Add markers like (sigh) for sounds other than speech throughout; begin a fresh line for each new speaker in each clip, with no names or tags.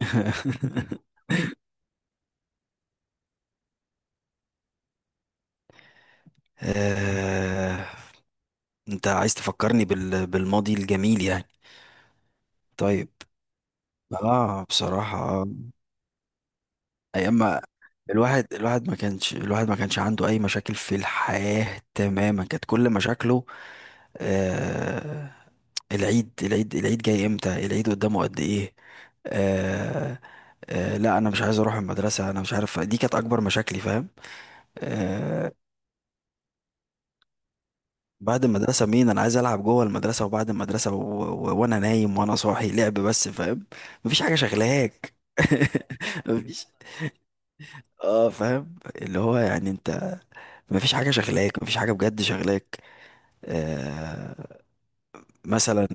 (laughs) آه... انت عايز تفكرني بالماضي الجميل يعني. طيب، اه بصراحة آه. ايام ما الواحد ما كانش عنده اي مشاكل في الحياة تماما. كانت كل مشاكله آه... العيد، العيد جاي امتى، العيد قدامه قد ايه. آه... لا انا مش عايز اروح المدرسة، انا مش عارف، دي كانت اكبر مشاكلي فاهم. آه، بعد المدرسة مين؟ أنا عايز ألعب جوه المدرسة وبعد المدرسة وأنا نايم وأنا صاحي لعب بس فاهم. مفيش حاجة شغلاك. (laughs) مفيش. اه فاهم، اللي هو يعني أنت مفيش حاجة شغلاك، مفيش حاجة بجد شغلاك. آه... مثلا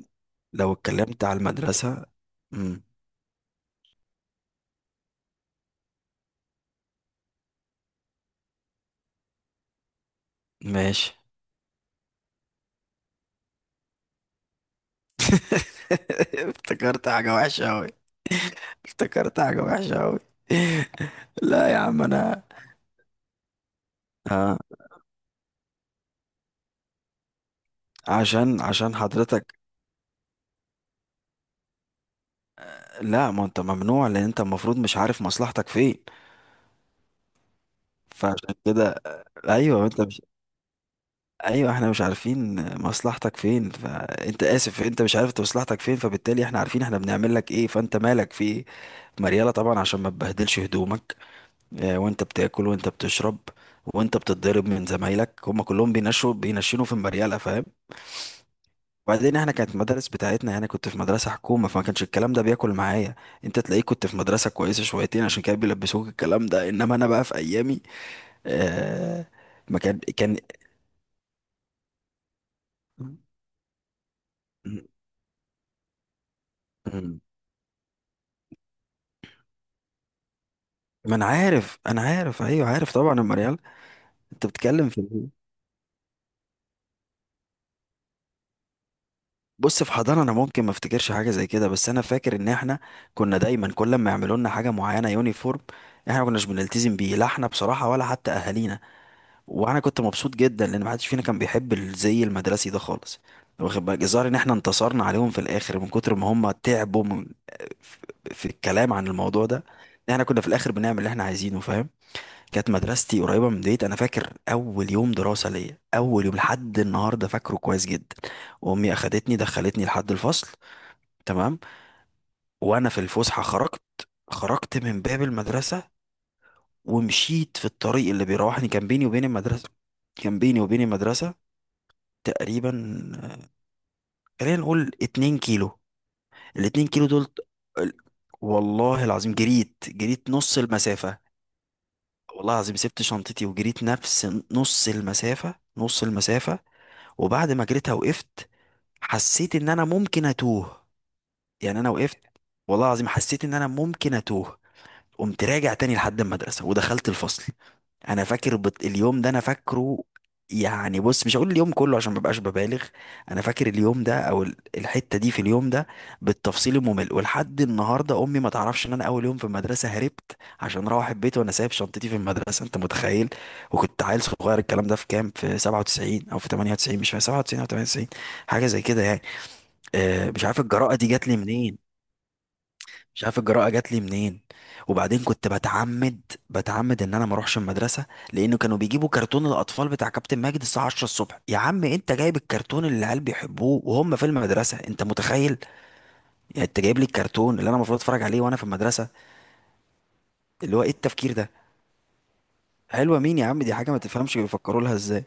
لو اتكلمت على المدرسة. مم. ماشي. (laughs) افتكرت حاجة وحشة أوي، افتكرت حاجة وحشة أوي. (laughs) لا يا عم أنا آه. عشان حضرتك، لا، ما انت ممنوع لان انت المفروض مش عارف مصلحتك فين، فعشان كده. ايوه انت مش ايوه احنا مش عارفين مصلحتك فين، فانت اسف انت مش عارف انت مصلحتك فين، فبالتالي احنا عارفين احنا بنعمل لك ايه، فانت مالك في ايه. مريالة طبعا عشان ما تبهدلش هدومك، وانت بتاكل وانت بتشرب وانت بتتضرب من زمايلك، هم كلهم بينشنوا في المريالة فاهم. وبعدين احنا كانت المدارس بتاعتنا، انا كنت في مدرسة حكومة، فما كانش الكلام ده بياكل معايا. انت تلاقيك كنت في مدرسة كويسة شويتين عشان كده بيلبسوك الكلام ده، انما انا بقى في ايامي آه. ما كان كان ما انا عارف، انا عارف، ايوه عارف طبعا يا مريال. انت بتتكلم في ال- بص، في حضانة انا ممكن ما افتكرش حاجة زي كده، بس انا فاكر ان احنا كنا دايما كل ما يعملوا لنا حاجة معينة، يونيفورم، احنا ما كناش بنلتزم بيه، لا احنا بصراحة ولا حتى اهالينا. وانا كنت مبسوط جدا لان محدش فينا كان بيحب الزي المدرسي ده خالص. واخد بالك، الظاهر ان احنا انتصرنا عليهم في الاخر من كتر ما هم تعبوا من في الكلام عن الموضوع ده، إن احنا كنا في الاخر بنعمل اللي احنا عايزينه فاهم. كانت مدرستي قريبه من ديت، انا فاكر اول يوم دراسه ليا، اول يوم لحد النهارده فاكره كويس جدا. وامي اخدتني دخلتني لحد الفصل، تمام، وانا في الفسحه خرجت، خرجت من باب المدرسه ومشيت في الطريق اللي بيروحني. كان بيني وبين المدرسه تقريبا، خلينا نقول 2 كيلو. الاتنين كيلو دول ال- والله العظيم جريت نص المسافة. والله العظيم سبت شنطتي وجريت نفس نص المسافة، وبعد ما جريتها وقفت. حسيت ان انا ممكن اتوه. يعني انا وقفت، والله العظيم حسيت ان انا ممكن اتوه. قمت راجع تاني لحد المدرسة ودخلت الفصل. انا فاكر اليوم ده، انا فاكره. يعني بص، مش هقول اليوم كله عشان مبقاش ببالغ، انا فاكر اليوم ده الحتة دي في اليوم ده بالتفصيل الممل. ولحد النهاردة امي ما تعرفش ان انا اول يوم في المدرسة هربت عشان اروح البيت وانا سايب شنطتي في المدرسة انت متخيل. وكنت عيل صغير، الكلام ده في كام، في 97 او في 98، مش فاكر 97 او 98. حاجة زي كده يعني. أه مش عارف الجراءة دي جات لي منين، مش عارف الجراءه جات لي منين وبعدين كنت بتعمد ان انا ما اروحش المدرسه، لانه كانوا بيجيبوا كرتون الاطفال بتاع كابتن ماجد الساعه 10 الصبح. يا عم انت جايب الكرتون اللي العيال بيحبوه وهم في المدرسه، انت متخيل؟ يعني انت جايب لي الكرتون اللي انا المفروض اتفرج عليه وانا في المدرسه. اللي هو ايه التفكير ده. حلوه مين يا عم، دي حاجه ما تفهمش بيفكروا لها ازاي.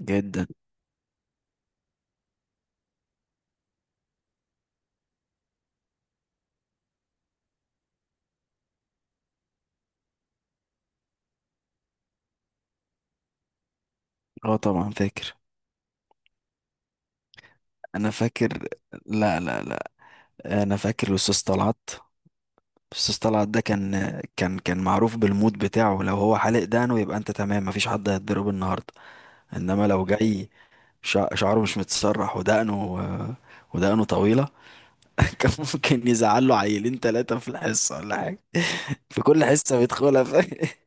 جدا. اه طبعا فاكر. انا فاكر، لا لا لا، انا فاكر الاستاذ طلعت. بس طلعت ده كان، كان معروف بالمود بتاعه، لو هو حالق دقنه يبقى انت تمام مفيش حد هيتضرب النهارده. انما لو جاي شعره مش متسرح ودقنه، طويله، (laughs) كان ممكن يزعل له عيلين ثلاثه في الحصه ولا حاجه، في كل حصه بيدخلها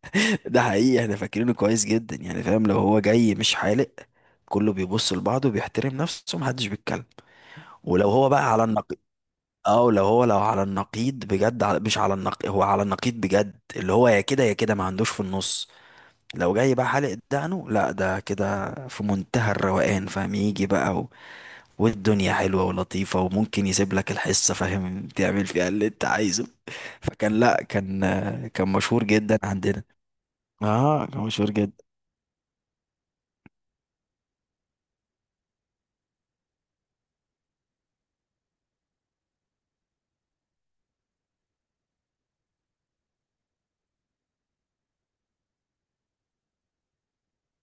(laughs) ده حقيقي احنا فاكرينه كويس جدا يعني فاهم. لو هو جاي مش حالق كله بيبص لبعضه، بيحترم نفسه محدش بيتكلم. ولو هو بقى على النقيض، اه لو هو لو على النقيض بجد على مش على النقيض هو على النقيض بجد، اللي هو يا كده يا كده، ما عندوش في النص. لو جاي بقى حالق دقنه، لا ده كده في منتهى الروقان فاهم، يجي بقى والدنيا حلوة ولطيفة وممكن يسيب لك الحصة فاهم، (laughs) تعمل فيها اللي انت عايزه. فكان لا كان كان مشهور جدا عندنا. اه كان مشهور جدا.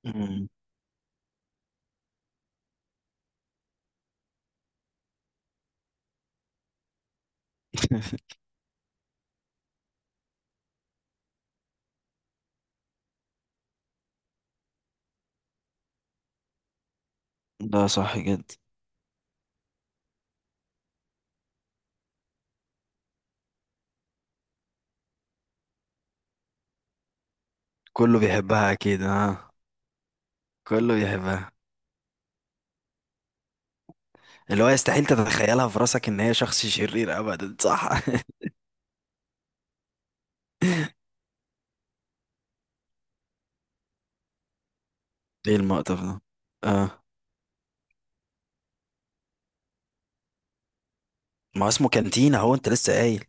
مم. (laughs) ده صح جدا. كله بيحبها اكيد اه. كله بيحبها، اللي هو يستحيل تتخيلها في راسك ان هي شخص شرير ابدا، صح. ايه المقطف ده؟ اه، ما هو اسمه كانتين اهو، انت لسه قايل،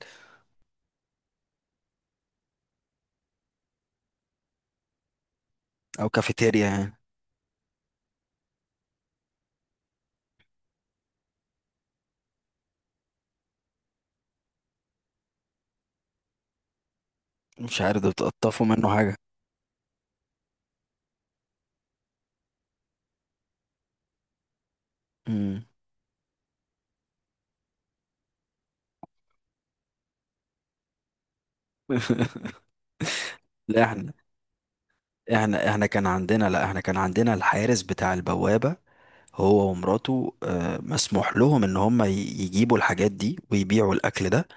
او كافيتيريا يعني. مش عارف، ده بتقطفوا منه حاجه؟ امم. (laughs) لا احنا احنا احنا كان عندنا لا احنا كان عندنا الحارس بتاع البوابه، هو ومراته، مسموح لهم ان هم يجيبوا الحاجات دي ويبيعوا الاكل ده.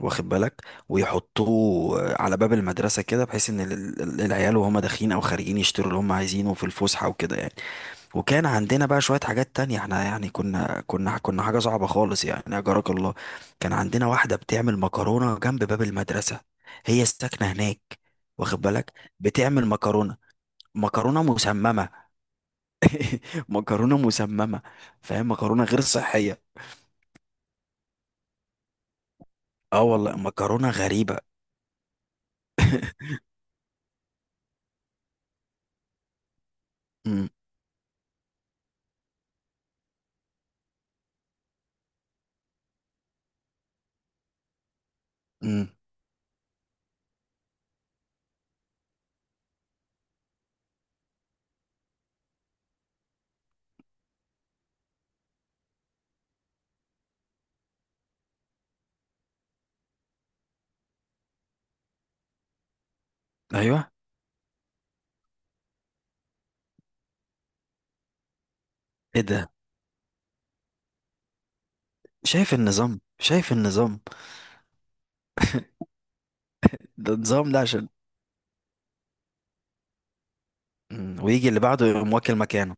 واخد بالك، ويحطوه على باب المدرسة كده بحيث ان العيال وهم داخلين او خارجين يشتروا اللي هم عايزينه في الفسحة وكده يعني. وكان عندنا بقى شوية حاجات تانية، احنا يعني كنا حاجة صعبة خالص يعني أجرك الله. كان عندنا واحدة بتعمل مكرونة جنب باب المدرسة، هي ساكنة هناك، واخد بالك، بتعمل مكرونة، مكرونة مسممة. (laughs) مكرونة مسممة، فاهم، مكرونة غير صحية. اه والله مكرونة غريبة. امم. امم. ايوه. ايه ده، شايف النظام، شايف النظام. ده النظام ده عشان، مم، ويجي اللي بعده يقوم واكل مكانه.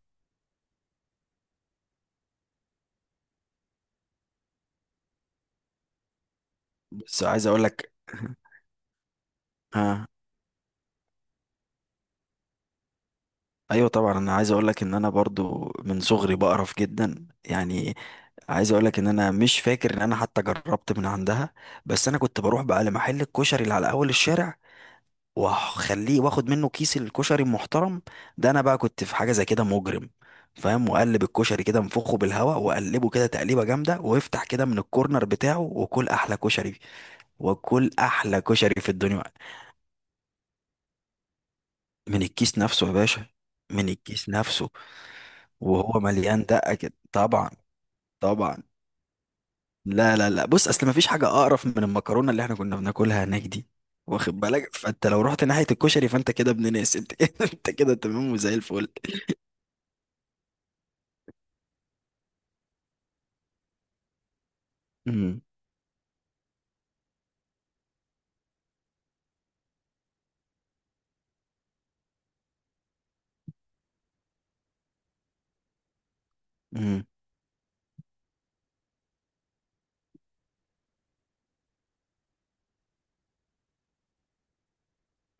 بس عايز اقول لك. (laughs) آه. ايوه طبعا انا عايز اقول لك ان انا برضو من صغري بقرف جدا يعني. عايز اقول لك ان انا مش فاكر ان انا حتى جربت من عندها. بس انا كنت بروح بقى لمحل الكشري اللي على اول الشارع، واخليه واخد منه كيس الكشري المحترم. ده انا بقى كنت في حاجه زي كده مجرم، فاهم، وقلب الكشري كده انفخه بالهواء وقلبه كده تقليبه جامده وافتح كده من الكورنر بتاعه وكل احلى كشري. وكل احلى كشري في الدنيا. من الكيس نفسه يا باشا، من الكيس نفسه. وهو مليان دقه كده طبعا. طبعا. لا لا لا، بص اصل مفيش حاجه اقرف من المكرونه اللي احنا كنا بناكلها هناك دي، واخد بالك، فانت لو رحت ناحيه الكشري فانت كده ابن ناس، انت كده (laughs) انت كده تمام وزي الفل. امم. امم.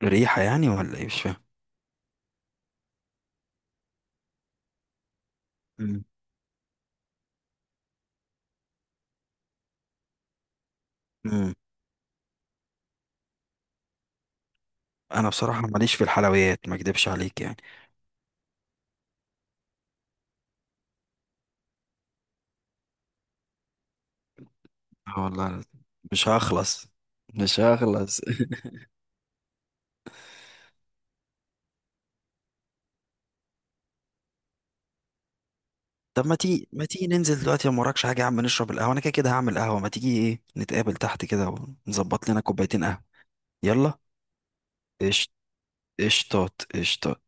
ريحة يعني ولا ايه مش فاهم؟ امم. امم. انا بصراحة ماليش في الحلويات ما اكدبش عليك يعني. اه والله، مش هخلص مش هخلص. (laughs) طب ما تيجي، ما تيجي ننزل دلوقتي لو مراكش حاجة يا عم نشرب القهوة، انا كده كده هعمل قهوة، ما تيجي ايه نتقابل تحت كده ونظبط لنا كوبايتين قهوة. يلا. قشط- قشطات، قشطات.